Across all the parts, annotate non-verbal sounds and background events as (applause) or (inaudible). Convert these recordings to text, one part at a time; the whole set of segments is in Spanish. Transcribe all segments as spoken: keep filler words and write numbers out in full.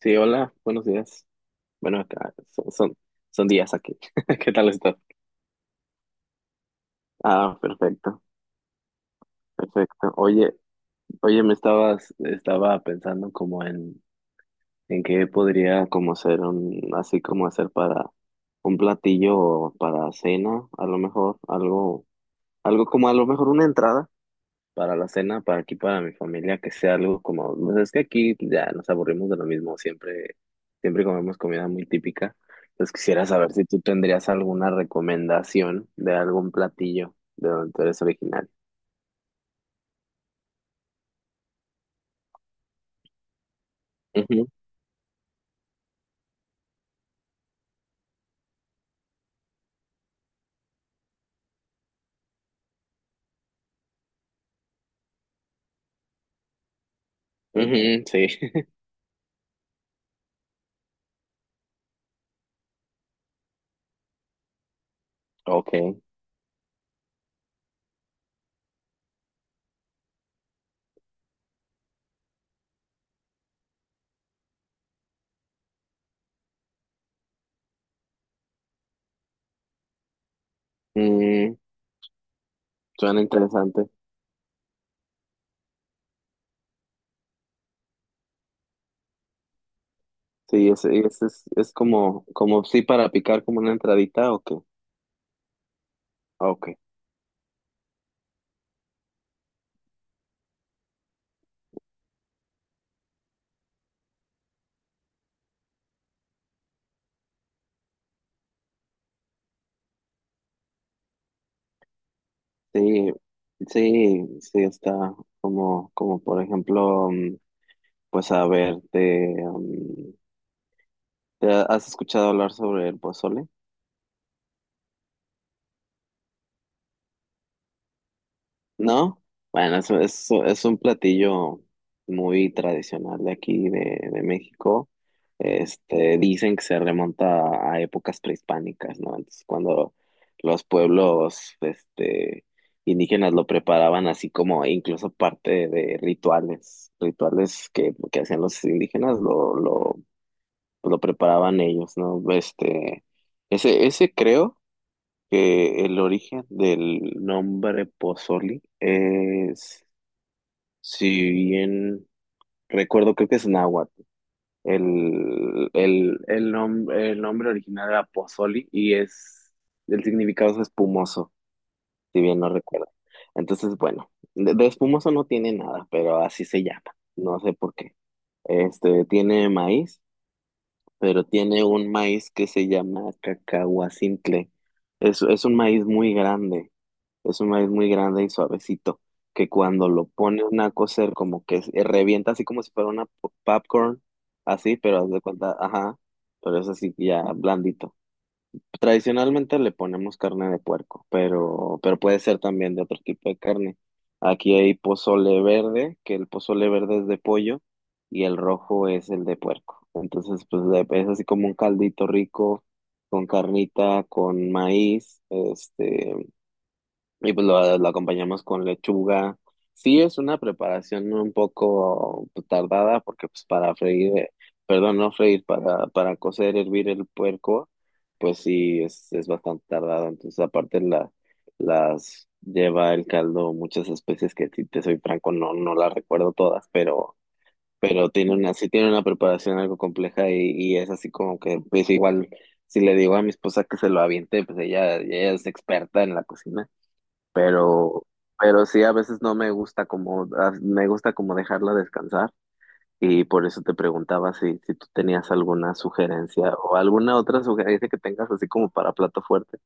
Sí, hola, buenos días. Bueno, acá son, son, son días aquí. (laughs) ¿Qué tal estás? Ah, perfecto, perfecto. Oye, oye, me estabas, estaba pensando como en, en qué podría como ser un, así como hacer para un platillo o para cena, a lo mejor, algo, algo como a lo mejor una entrada para la cena, para aquí, para mi familia, que sea algo como, pues es que aquí ya nos aburrimos de lo mismo, siempre, siempre comemos comida muy típica. Entonces quisiera saber si tú tendrías alguna recomendación de algún platillo de donde tú eres original. Ujú, ujú, sí. (laughs) Ok. Mm, suena interesante. Sí, es, es, es, es como, como sí para picar como una entradita o qué. Ok. Sí, sí, sí está como, como por ejemplo. Pues a ver, te, um, ¿te has escuchado hablar sobre el pozole? ¿No? Bueno, es, es, es un platillo muy tradicional de aquí, de, de México. Este, dicen que se remonta a épocas prehispánicas, ¿no? Entonces, cuando los pueblos, este, indígenas lo preparaban así como incluso parte de rituales, rituales que, que hacían los indígenas, lo, lo, lo preparaban ellos, ¿no? Este, ese, ese creo que el origen del nombre Pozoli es, si bien recuerdo, creo que es náhuatl. El, el, el, nom- el nombre original era Pozoli y es, el significado es espumoso, si bien no recuerdo. Entonces, bueno, de, de espumoso no tiene nada, pero así se llama. No sé por qué. Este, tiene maíz, pero tiene un maíz que se llama cacahuacintle. Es, es un maíz muy grande. Es un maíz muy grande y suavecito, que cuando lo pone una a cocer, como que se- revienta así como si fuera una po- popcorn, así, pero haz de cuenta, ajá, pero es así ya blandito. Tradicionalmente le ponemos carne de puerco, pero, pero puede ser también de otro tipo de carne. Aquí hay pozole verde, que el pozole verde es de pollo y el rojo es el de puerco. Entonces, pues de- es así como un caldito rico con carnita, con maíz, este. Y pues lo, lo acompañamos con lechuga. Sí, es una preparación un poco tardada porque pues para freír, eh, perdón, no freír, para, para cocer, hervir el puerco, pues sí, es, es bastante tardado. Entonces aparte la, las lleva el caldo muchas especies que si te soy franco no, no las recuerdo todas, pero, pero tiene una, sí tiene una preparación algo compleja y, y es así como que pues igual si le digo a mi esposa que se lo aviente, pues ella, ella es experta en la cocina pero, pero sí a veces no me gusta como, a- me gusta como dejarla descansar y por eso te preguntaba si, si tú tenías alguna sugerencia o alguna otra sugerencia que tengas así como para plato fuerte.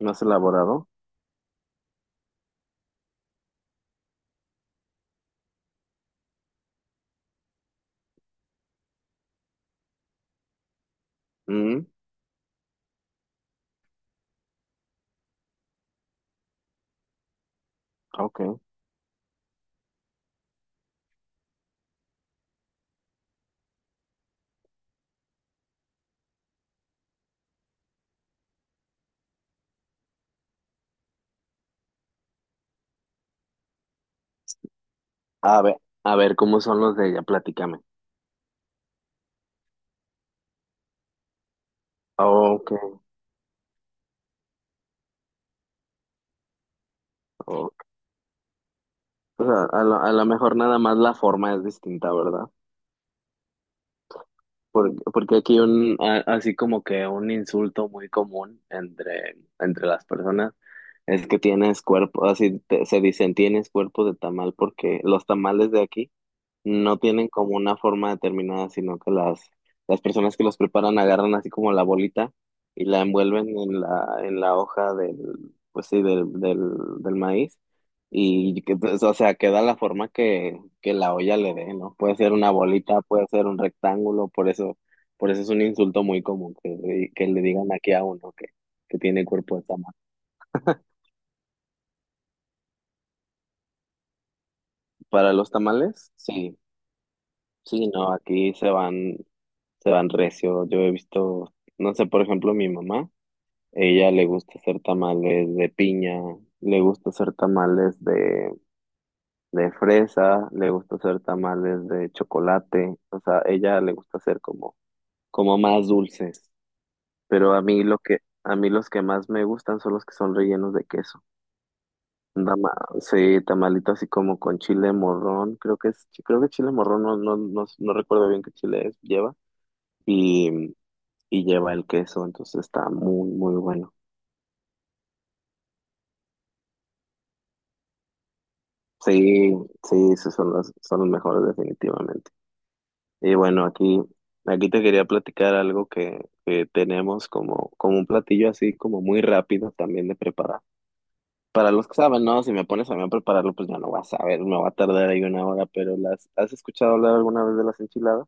¿No has elaborado? Mm, ok. A ver, a ver, ¿cómo son los de ella? Platícame. Ok, ok. O sea, a lo, a lo mejor nada más la forma es distinta, ¿verdad? Por- Porque aquí un, a- así como que un insulto muy común entre, entre las personas es que tienes cuerpo, así te- se dicen tienes cuerpo de tamal porque los tamales de aquí no tienen como una forma determinada, sino que las, las personas que los preparan agarran así como la bolita y la envuelven en la, en la hoja del, pues sí, del, del, del maíz. Y que, pues, o sea, queda la forma que, que la olla le dé, ¿no? Puede ser una bolita, puede ser un rectángulo, por eso, por eso es un insulto muy común que, que le digan aquí a uno que, que tiene cuerpo de tamal. Para los tamales, sí, sí, no, aquí se van, se van recio. Yo he visto, no sé, por ejemplo, mi mamá, ella le gusta hacer tamales de piña, le gusta hacer tamales de, de fresa, le gusta hacer tamales de chocolate, o sea, ella le gusta hacer como, como más dulces, pero a mí lo que, a mí los que más me gustan son los que son rellenos de queso. Dama, sí, tamalito así como con chile morrón, creo que es, creo que chile morrón, no, no, no, no recuerdo bien qué chile es, lleva. y y lleva el queso, entonces está muy, muy bueno. Sí, sí, esos son los, son los mejores definitivamente. Y bueno, aquí, aquí te quería platicar algo que, que tenemos como, como un platillo así como muy rápido también de preparar. Para los que saben, no, si me pones a mí a prepararlo, pues ya no vas a saber, me va a tardar ahí una hora, pero las, ¿has escuchado hablar alguna vez de las enchiladas?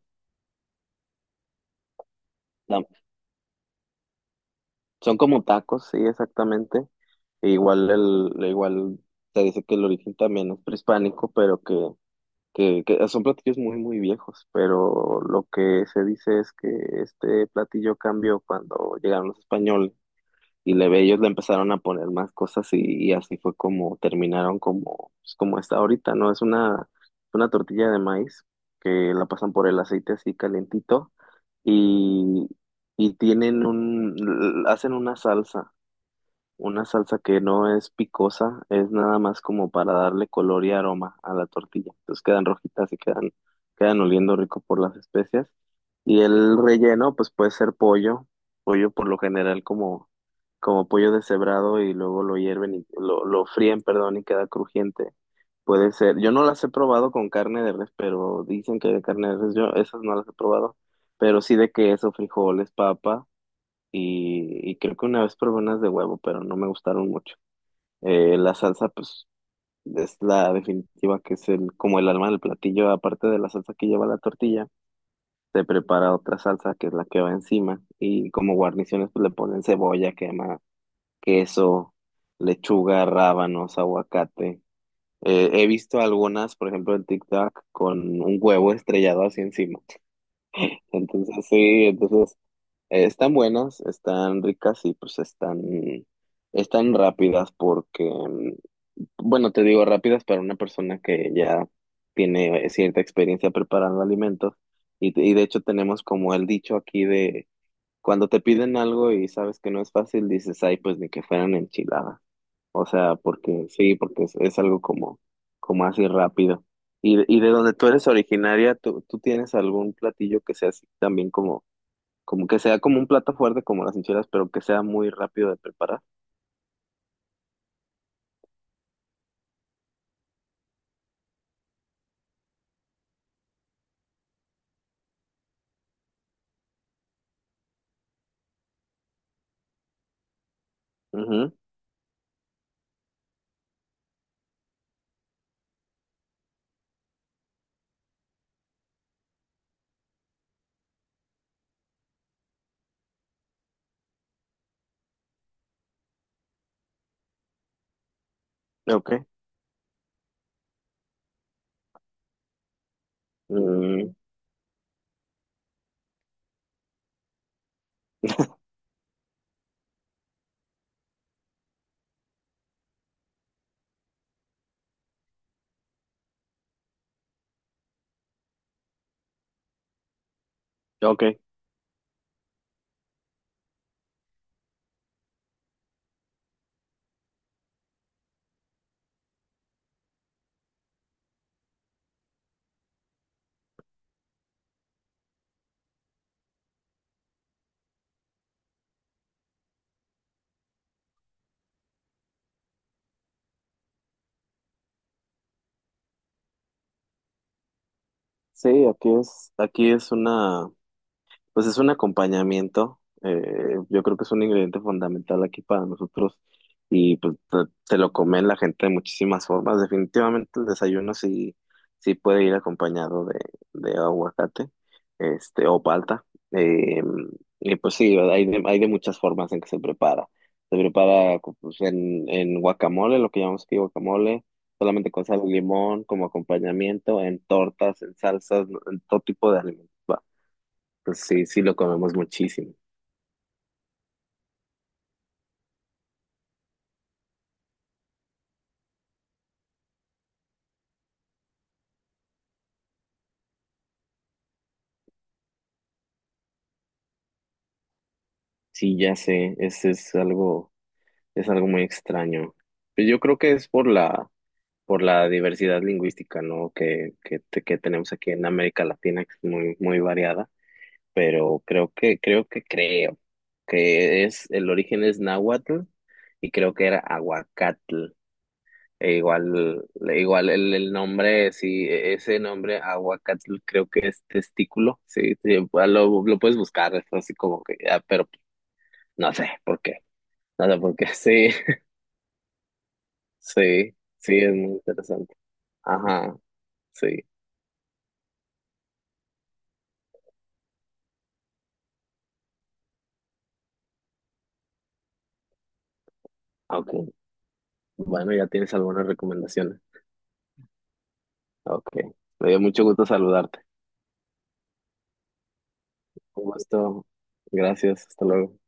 No, son como tacos, sí, exactamente. E igual el, igual se dice que el origen también es prehispánico, pero que que, que son platillos muy, muy viejos, pero lo que se dice es que este platillo cambió cuando llegaron los españoles y le, ellos le empezaron a poner más cosas y, y así fue como terminaron como, pues, como está ahorita, ¿no? Es una, una tortilla de maíz que la pasan por el aceite así calentito y, y tienen un, hacen una salsa, una salsa que no es picosa, es nada más como para darle color y aroma a la tortilla. Entonces quedan rojitas y quedan, quedan oliendo rico por las especias. Y el relleno, pues puede ser pollo, pollo por lo general como, como pollo deshebrado y luego lo hierven y lo, lo fríen, perdón, y queda crujiente. Puede ser, yo no las he probado con carne de res, pero dicen que de carne de res, yo esas no las he probado, pero sí de queso, frijoles, papa y, y creo que una vez probé unas de huevo, pero no me gustaron mucho. Eh, la salsa, pues, es la definitiva, que es el, como el alma del platillo, aparte de la salsa que lleva la tortilla, se prepara otra salsa que es la que va encima, y como guarniciones, pues le ponen cebolla, quema, queso, lechuga, rábanos, aguacate. Eh, he visto algunas, por ejemplo, en TikTok, con un huevo estrellado así encima. Entonces, sí, entonces, eh, están buenas, están ricas y pues están, están rápidas porque, mm, bueno, te digo rápidas para una persona que ya tiene cierta experiencia preparando alimentos y, y de hecho tenemos como el dicho aquí de cuando te piden algo y sabes que no es fácil, dices, ay, pues ni que fueran enchiladas. O sea, porque sí, porque es, es algo como, como así rápido. Y, y de donde tú eres originaria, ¿tú, tú tienes algún platillo que sea así también como como que sea como un plato fuerte como las enchiladas, pero que sea muy rápido de preparar? Ujú. Ok. Mm, ok. Sí, aquí es, aquí es una. Pues es un acompañamiento, eh, yo creo que es un ingrediente fundamental aquí para nosotros y pues te, te lo comen la gente de muchísimas formas. Definitivamente el desayuno sí, sí puede ir acompañado de, de aguacate, este, o palta. Eh, y pues sí, hay de, hay de muchas formas en que se prepara. Se prepara co- pues, en, en guacamole, lo que llamamos aquí guacamole, solamente con sal y limón como acompañamiento, en tortas, en salsas, en todo tipo de alimentos. Pues sí, sí lo comemos muchísimo. Sí, ya sé, es, es algo, es algo muy extraño. Pero yo creo que es por la, por la diversidad lingüística, ¿no? Que, que, te- que tenemos aquí en América Latina, que es muy, muy variada. Pero creo que, creo que creo que es, el origen es náhuatl y creo que era aguacatl. E igual, igual el, el nombre, sí, e- ese nombre aguacatl creo que es testículo, sí, sí, lo, lo puedes buscar, es así como que, ah, pero no sé por qué. No sé por qué. (laughs) Sí, sí, sí, es muy interesante. Ajá, sí. Ok. Bueno, ya tienes algunas recomendaciones. Ok. Me dio mucho gusto saludarte. Un gusto. Gracias. Hasta luego.